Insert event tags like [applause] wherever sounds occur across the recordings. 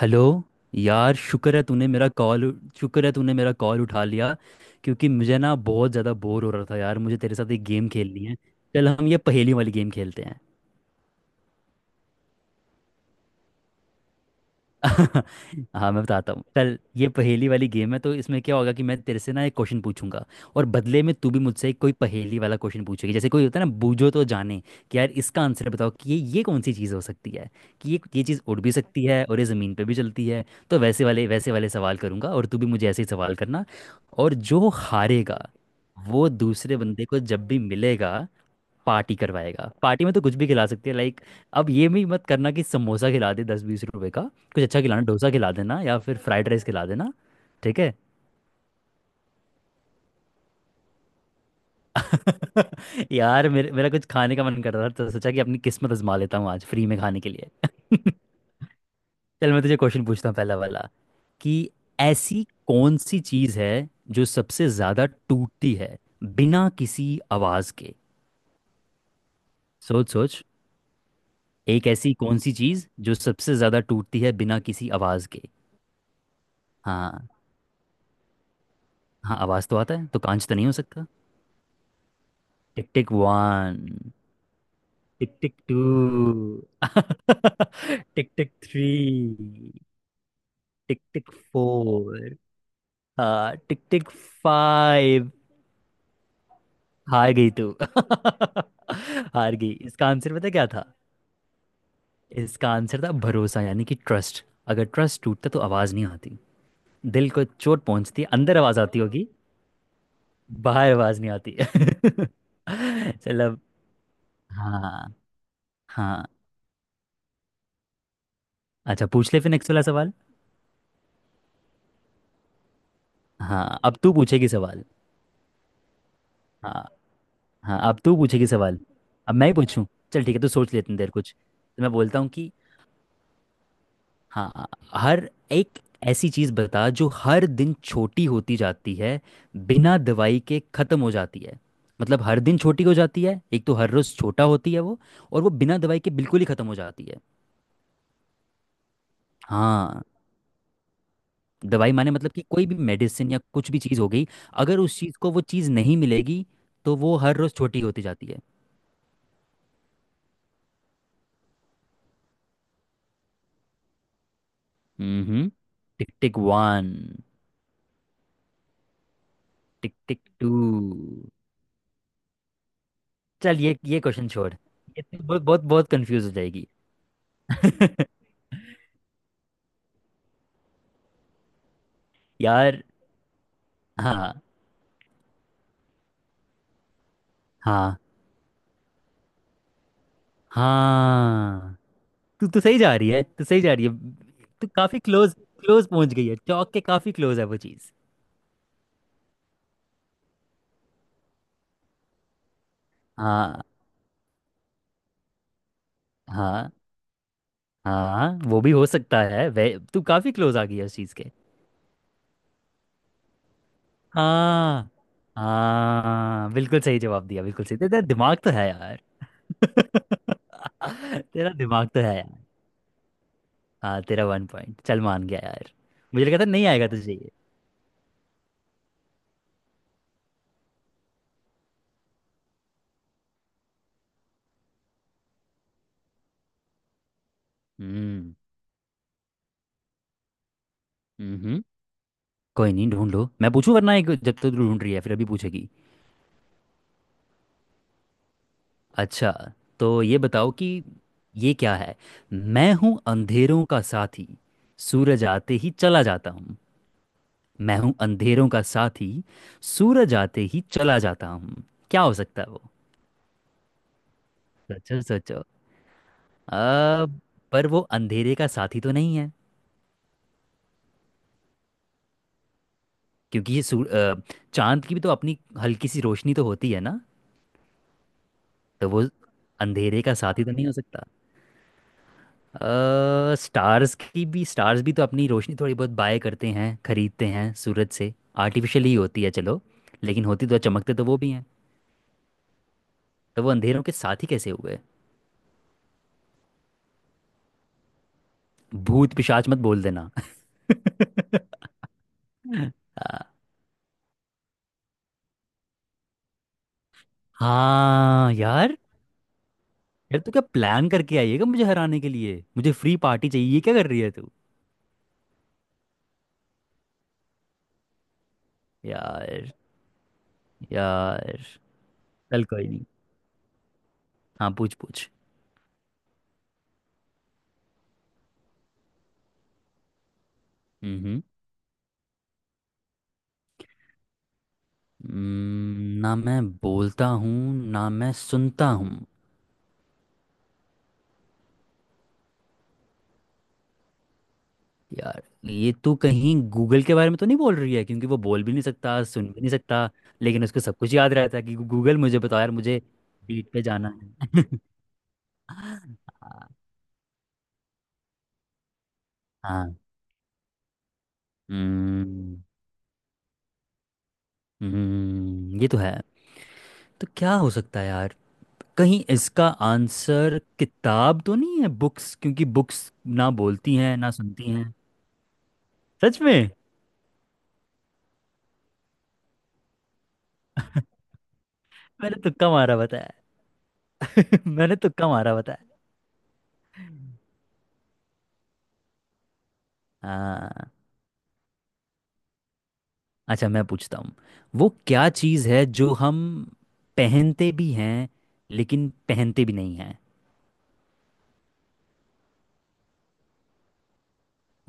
Hello. यार शुक्र है तूने मेरा कॉल उठा लिया, क्योंकि मुझे ना बहुत ज़्यादा बोर हो रहा था यार। मुझे तेरे साथ एक गेम खेलनी है। चल हम ये पहेली वाली गेम खेलते हैं। [laughs] हाँ मैं बताता हूँ। चल ये पहेली वाली गेम है तो इसमें क्या होगा कि मैं तेरे से ना एक क्वेश्चन पूछूंगा। और बदले में तू भी मुझसे कोई पहेली वाला क्वेश्चन पूछेगी। जैसे कोई होता है ना, बूझो तो जाने, कि यार इसका आंसर बताओ कि ये कौन सी चीज़ हो सकती है। कि ये चीज़ उड़ भी सकती है और ये ज़मीन पे भी चलती है। तो वैसे वाले सवाल करूंगा, और तू भी मुझे ऐसे ही सवाल करना। और जो हारेगा वो दूसरे बंदे को जब भी मिलेगा, पार्टी करवाएगा। पार्टी में तो कुछ भी खिला सकती है, लाइक, अब ये भी मत करना कि समोसा खिला दे 10-20 रुपए का। कुछ अच्छा खिलाना, डोसा खिला देना या फिर फ्राइड राइस खिला देना। ठीक है। [laughs] यार मेरे मेरा कुछ खाने का मन कर रहा था, तो सोचा कि अपनी किस्मत आजमा लेता हूँ आज फ्री में खाने के लिए। [laughs] चल मैं तुझे क्वेश्चन पूछता हूँ पहला वाला। कि ऐसी कौन सी चीज़ है जो सबसे ज़्यादा टूटती है बिना किसी आवाज़ के। सोच सोच। एक ऐसी कौन सी चीज़ जो सबसे ज़्यादा टूटती है बिना किसी आवाज़ के। हाँ। हाँ, आवाज तो आता है, तो कांच तो नहीं हो सकता। Tick tick one. Tick tick two. [laughs] Tick tick three. Tick tick four. हाँ, टिक टिक फाइव। हार गई तू। [laughs] हार गई। इसका आंसर पता क्या था? इसका आंसर था भरोसा, यानी कि ट्रस्ट। अगर ट्रस्ट टूटता तो आवाज़ नहीं आती। दिल को चोट पहुंचती, अंदर आवाज़ आती होगी, बाहर आवाज़ नहीं आती। [laughs] चलो। हाँ हाँ। अच्छा, पूछ ले फिर नेक्स्ट वाला सवाल। हाँ, अब तू पूछेगी सवाल। हाँ हाँ, अब तू पूछेगी सवाल। अब मैं ही पूछूं? चल ठीक है, तू सोच लेते देर कुछ। तो मैं बोलता हूँ कि हाँ, हर एक ऐसी चीज़ बता जो हर दिन छोटी होती जाती है, बिना दवाई के ख़त्म हो जाती है। मतलब हर दिन छोटी हो जाती है, एक तो हर रोज़ छोटा होती है वो, और वो बिना दवाई के बिल्कुल ही ख़त्म हो जाती है। हाँ। दवाई माने मतलब कि कोई भी मेडिसिन या कुछ भी चीज़ हो गई। अगर उस चीज़ को वो चीज़ नहीं मिलेगी, तो वो हर रोज़ छोटी होती जाती है। हम्म। Tick tick one. Tick tick two. चल, ये क्वेश्चन छोड़, ये तो बहुत बहुत बहुत कंफ्यूज हो जाएगी। [laughs] यार। हाँ हाँ हाँ, तू तो सही जा रही है, तू सही जा रही है। तू काफी क्लोज क्लोज पहुंच गई है, चौक के काफी क्लोज है वो चीज। हाँ हाँ हाँ, वो भी हो सकता है वे। तू काफी क्लोज आ गई है उस चीज के। हाँ हाँ, बिल्कुल सही जवाब दिया, बिल्कुल सही। तेरा दिमाग तो है यार। [laughs] तेरा दिमाग तो है यार। हाँ, तेरा 1 पॉइंट, चल मान गया यार। मुझे लगा था नहीं आएगा तुझे ये। हम्म हम्म, कोई नहीं, ढूंढ लो। मैं पूछूं? वरना एक, जब तक तू ढूंढ रही है फिर अभी पूछेगी। अच्छा, तो ये बताओ कि ये क्या है। मैं हूँ अंधेरों का साथी, सूरज आते ही चला जाता हूँ। मैं हूँ अंधेरों का साथी, सूरज आते ही चला जाता हूँ। क्या हो सकता है वो? सोचो सोचो। अब, पर वो अंधेरे का साथी तो नहीं है, क्योंकि चांद की भी तो अपनी हल्की सी रोशनी तो होती है ना। तो वो अंधेरे का साथी तो नहीं हो सकता। स्टार्स भी तो अपनी रोशनी थोड़ी बहुत बाय करते हैं, खरीदते हैं सूरज से। आर्टिफिशियल ही होती है चलो, लेकिन होती तो, चमकते तो वो भी हैं। तो वो अंधेरों के साथी कैसे हुए? भूत पिशाच मत बोल देना। [laughs] हाँ। हाँ, यार, यार, तू क्या प्लान करके आई है क्या, मुझे हराने के लिए? मुझे फ्री पार्टी चाहिए, ये क्या कर रही है तू? यार। यार, चल कोई नहीं। हाँ, पूछ पूछ। हम्म ना मैं बोलता हूँ, ना मैं सुनता हूँ। यार, ये तू कहीं गूगल के बारे में तो नहीं बोल रही है? क्योंकि वो बोल भी नहीं सकता, सुन भी नहीं सकता, लेकिन उसको सब कुछ याद रहता है, कि गूगल मुझे बताओ यार मुझे बीट पे जाना है। [laughs] हाँ। हम्म ये तो है। तो क्या हो सकता है यार? कहीं इसका आंसर किताब तो नहीं है, बुक्स? क्योंकि बुक्स ना बोलती हैं, ना सुनती हैं। सच में? मैंने तुक्का मारा बताया। [laughs] मैंने तुक्का मारा बताया। हाँ। अच्छा मैं पूछता हूँ। वो क्या चीज़ है जो हम पहनते भी हैं लेकिन पहनते भी नहीं हैं?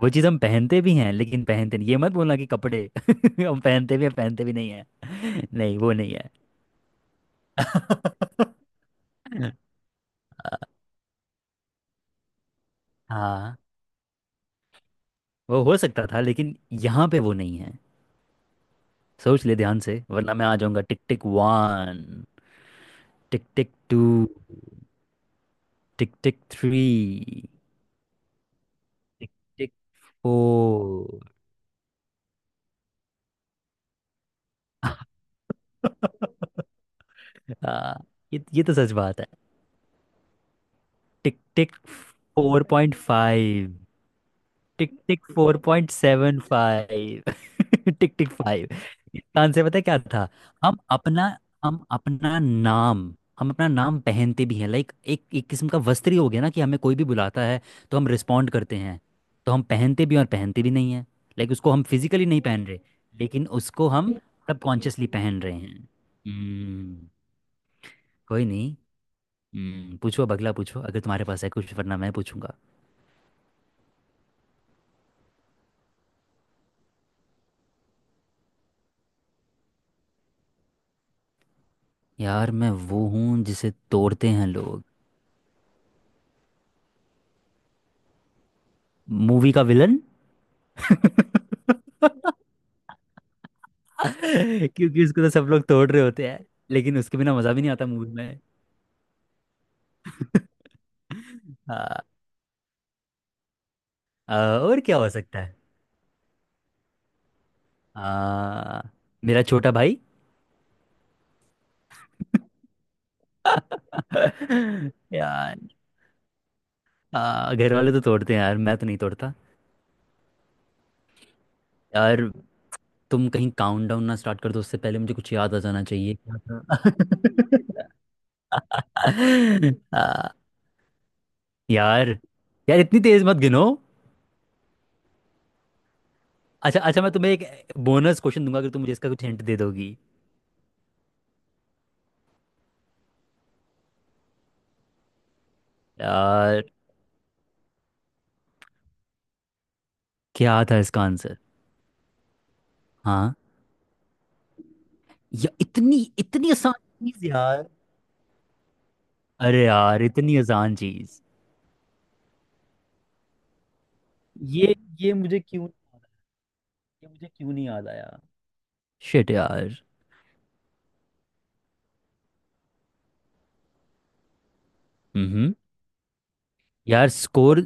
वो चीज़ हम पहनते भी हैं लेकिन पहनते नहीं। ये मत बोलना कि कपड़े। [laughs] हम पहनते भी हैं, पहनते भी नहीं हैं। [laughs] नहीं, वो नहीं है। [laughs] हाँ वो हो सकता था, लेकिन यहाँ पे वो नहीं है। सोच ले ध्यान से, वरना मैं आ जाऊंगा। Tick tick one. Tick tick two. Tick tick three. Tick tick ओ। [laughs] आ, ये तो सच बात है। टिक टिक 4.5। टिक टिक 4.75। [laughs] टिक टिक फाइव। इसका आंसर पता है क्या था? हम अपना हम अपना नाम हम अपना नाम पहनते भी हैं, लाइक एक एक किस्म का वस्त्र ही हो गया ना, कि हमें कोई भी बुलाता है तो हम रिस्पोंड करते हैं। तो हम पहनते भी हैं और पहनते भी नहीं हैं। लाइक उसको हम फिजिकली नहीं पहन रहे, लेकिन उसको हम सबकॉन्शियसली पहन रहे हैं। हम्म। कोई नहीं। हम्म, पूछो अब, अगला पूछो अगर तुम्हारे पास है कुछ, वरना मैं पूछूंगा। यार, मैं वो हूँ जिसे तोड़ते हैं लोग। मूवी का विलन? [laughs] क्योंकि उसको तो सब लोग तोड़ रहे होते हैं, लेकिन उसके बिना मजा भी नहीं आता मूवी में। [laughs] आ, आ, और क्या हो सकता है? आ, मेरा छोटा भाई। [laughs] यार। घर वाले तो तोड़ते हैं यार, मैं तो नहीं तोड़ता। यार, तुम कहीं काउंट डाउन ना स्टार्ट कर दो, उससे पहले मुझे कुछ याद आ जाना चाहिए, क्या था? [laughs] आ, यार यार, इतनी तेज मत गिनो। अच्छा अच्छा, मैं तुम्हें एक बोनस क्वेश्चन दूंगा, अगर तुम मुझे इसका कुछ हिंट दे दोगी। यार, क्या था इसका आंसर? हाँ, या इतनी इतनी आसान चीज यार? अरे यार, इतनी आसान चीज ये ये मुझे क्यों ये मुझे क्यों नहीं याद आया? शिट यार। हम्म। यार स्कोर,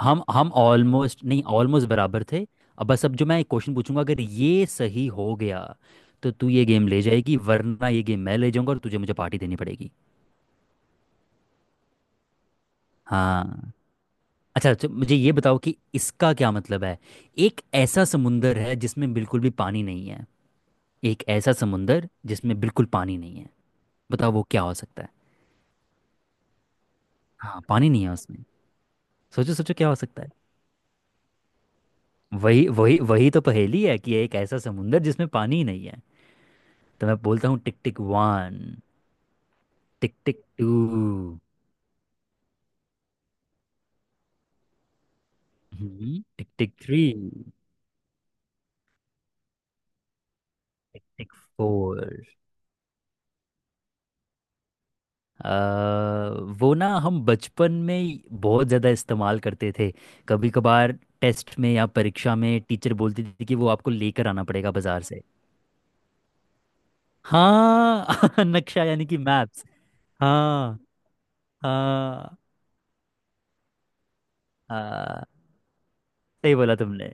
हम ऑलमोस्ट नहीं, ऑलमोस्ट बराबर थे। अब बस, अब जो मैं एक क्वेश्चन पूछूंगा, अगर ये सही हो गया तो तू ये गेम ले जाएगी, वरना ये गेम मैं ले जाऊंगा और तुझे मुझे पार्टी देनी पड़ेगी। हाँ। अच्छा तो मुझे ये बताओ कि इसका क्या मतलब है। एक ऐसा समुंदर है जिसमें बिल्कुल भी पानी नहीं है। एक ऐसा समुंदर जिसमें बिल्कुल पानी नहीं है। बताओ वो क्या हो सकता है। हाँ, पानी नहीं है उसमें। सोचो सोचो, क्या हो सकता है? वही वही वही तो पहेली है, कि एक ऐसा समुंदर जिसमें पानी ही नहीं है। तो मैं बोलता हूँ tick tick one. Tick tick two. हम्म। Tick tick three. Tick tick four. अ, वो ना, हम बचपन में बहुत ज़्यादा इस्तेमाल करते थे। कभी कभार टेस्ट में या परीक्षा में टीचर बोलती थी कि वो आपको लेकर आना पड़ेगा बाजार से। हाँ। [laughs] नक्शा, यानी कि मैप्स। हाँ हाँ हाँ, सही बोला तुमने।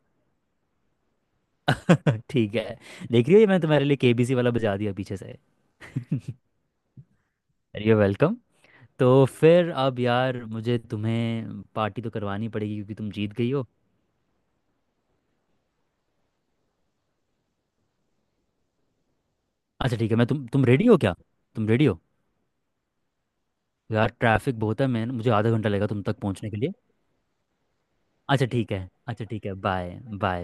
[laughs] ठीक है। देख रही हो, ये मैंने तुम्हारे लिए केबीसी वाला बजा दिया पीछे से। [laughs] You welcome. तो फिर अब यार, मुझे तुम्हें पार्टी तो करवानी पड़ेगी क्योंकि तुम जीत गई हो। अच्छा ठीक है, मैं तुम रेडी हो क्या? तुम रेडी हो? यार ट्रैफिक बहुत है, मैं मुझे आधा घंटा लगेगा तुम तक पहुंचने के लिए। अच्छा ठीक है, अच्छा ठीक है, बाय। बाय।